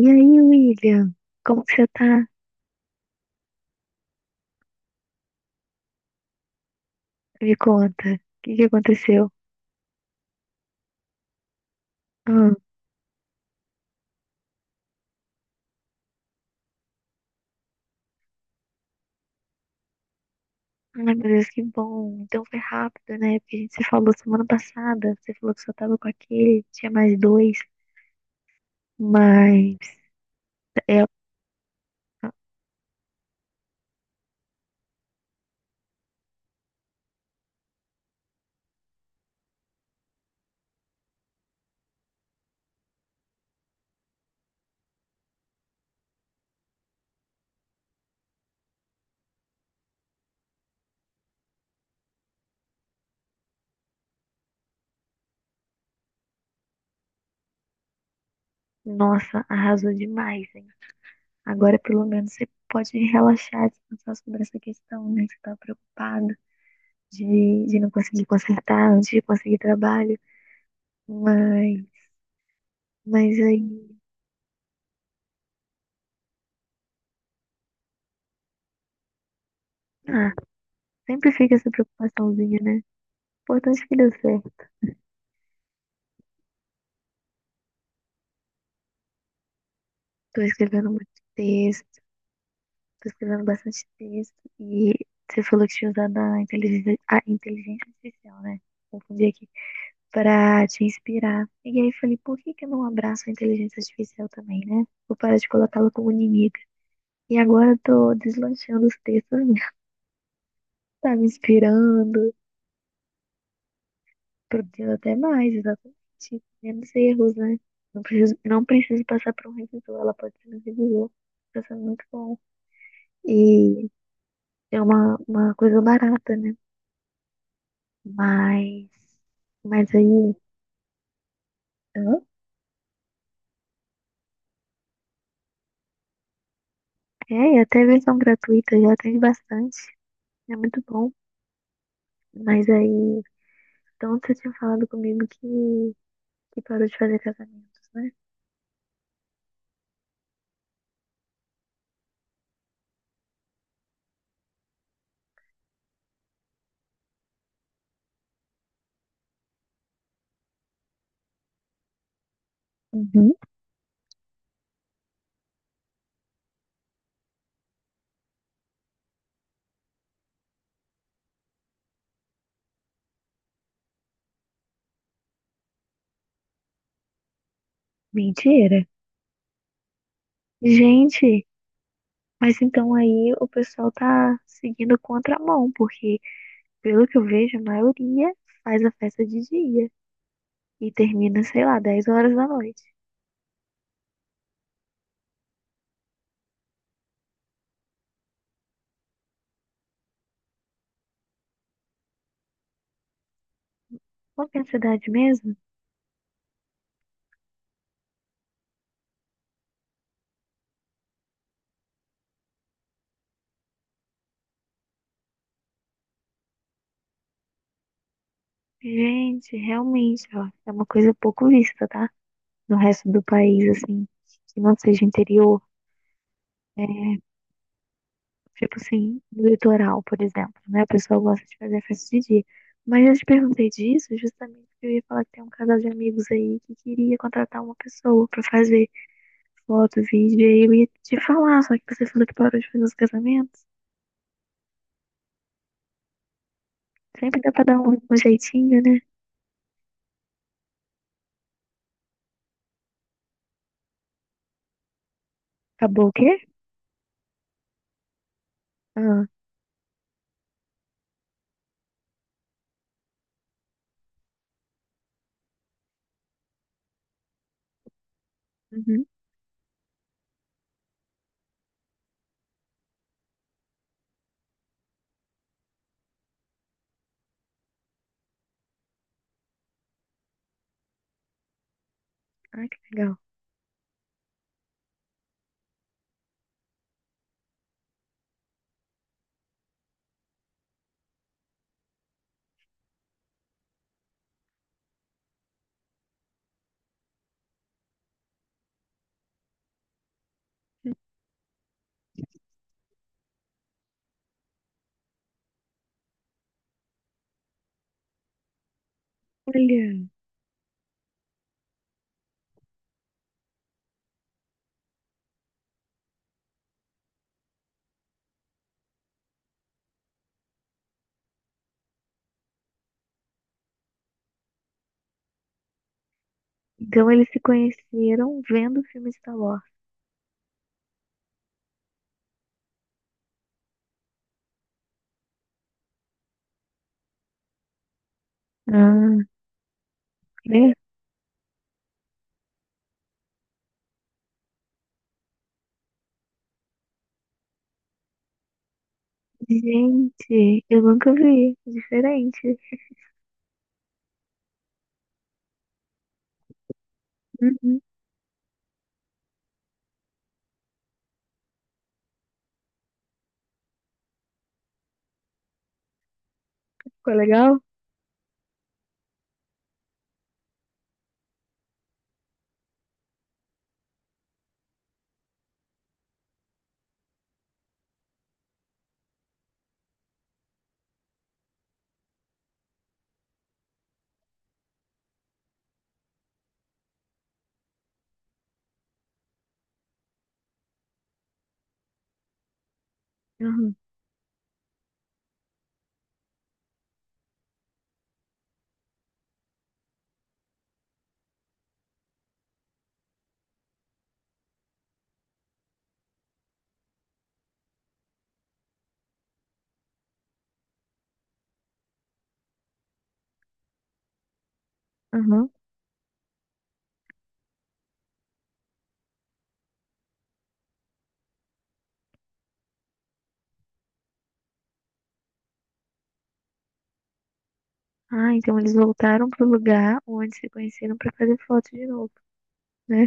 E aí, William? Como que você tá? Me conta. O que que aconteceu? Ah, ai, meu Deus, que bom. Então foi rápido, né? Porque a gente se falou semana passada. Você falou que só tava com aquele, tinha mais dois. Mas, é, Nossa, arrasou demais, hein? Agora, pelo menos, você pode relaxar, descansar sobre essa questão, né? Que você tava preocupada de não conseguir consertar antes de conseguir trabalho. Mas, mas aí, ah, sempre fica essa preocupaçãozinha, né? Importante que deu certo. Tô escrevendo muito texto, tô escrevendo bastante texto. E você falou que tinha usado a inteligência artificial, né? Confundi aqui. Pra te inspirar. E aí falei, por que que eu não abraço a inteligência artificial também, né? Vou parar de colocá-la como inimiga. E agora eu tô deslanchando os textos, mesmo. Tá me inspirando, produzindo até mais, exatamente. Menos erros, né? Não preciso passar por um revisor, ela pode ser um revisor. Tá sendo muito bom. E é uma coisa barata, né? Mas, mas aí, Hã? É, e até versão gratuita já tem bastante. É muito bom. Mas aí, então você tinha falado comigo que parou de fazer casamentos, né? Uhum. Mentira. Gente, mas então aí o pessoal tá seguindo contramão, porque pelo que eu vejo, a maioria faz a festa de dia e termina, sei lá, 10 horas da noite. Qual que é a cidade mesmo? Gente, realmente, ó, é uma coisa pouco vista, tá? No resto do país, assim, que não seja interior, é, tipo assim, no litoral, por exemplo, né? A pessoa gosta de fazer a festa de dia. Mas eu te perguntei disso justamente porque eu ia falar que tem um casal de amigos aí que queria contratar uma pessoa pra fazer foto, vídeo, e aí eu ia te falar, só que você falou que parou de fazer os casamentos. Sempre dá pra dar um jeitinho, né? Acabou o quê? Ah, uhum. Ai, que legal. Olha. Então eles se conheceram vendo o filme Star Wars. Ah, é? Gente, eu nunca vi. Diferente. Uhum. Ficou legal? Uhum, uhum. Ah, então eles voltaram pro lugar onde se conheceram pra fazer foto de novo, né?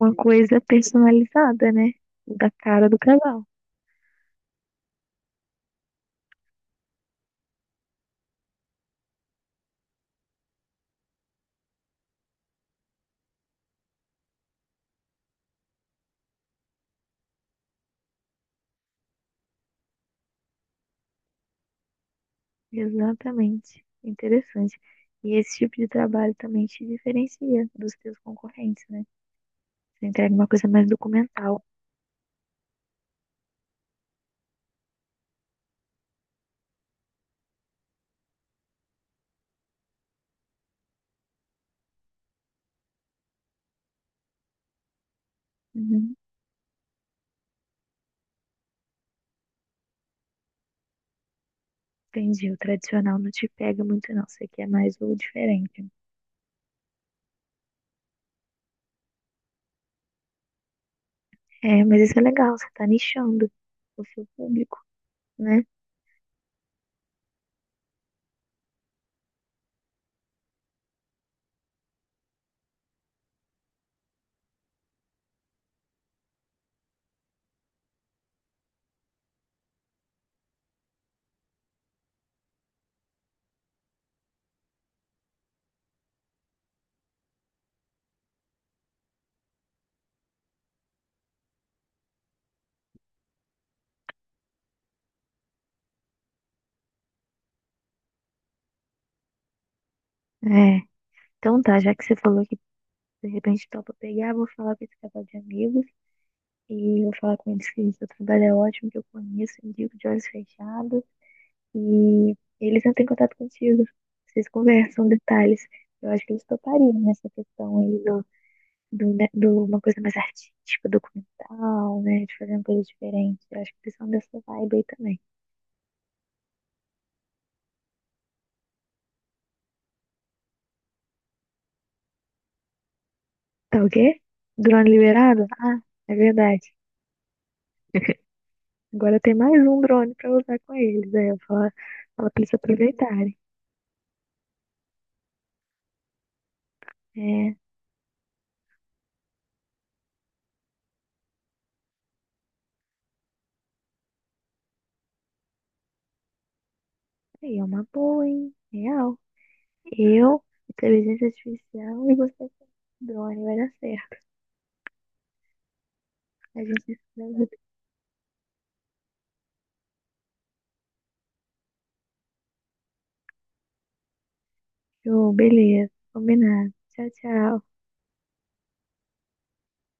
Uma coisa personalizada, né? Da cara do casal. Exatamente. Interessante. E esse tipo de trabalho também te diferencia dos teus concorrentes, né? Você entrega uma coisa mais documental. Uhum. Entendi. O tradicional não te pega muito, não. Você quer mais o diferente. É, mas isso é legal, você tá nichando o seu público, né? É. Então tá, já que você falou que de repente topa pegar, vou falar com esse casal de amigos e vou falar com eles que seu trabalho é ótimo, que eu conheço, indico de olhos fechados. E eles entram em contato contigo. Vocês conversam detalhes. Eu acho que eles topariam nessa questão aí do, né, do uma coisa mais artística, documental, né? De fazer uma coisa diferente. Eu acho que eles são dessa vibe aí também. Tá o quê? Drone liberado? Ah, é verdade. Agora tem mais um drone pra usar com eles. Aí eu falo, falo pra eles aproveitarem. É, aí é uma boa, hein? Real. Eu, inteligência artificial e você com drone, vai dar certo. A gente se dá- Show, beleza. Combinado. Tchau, tchau.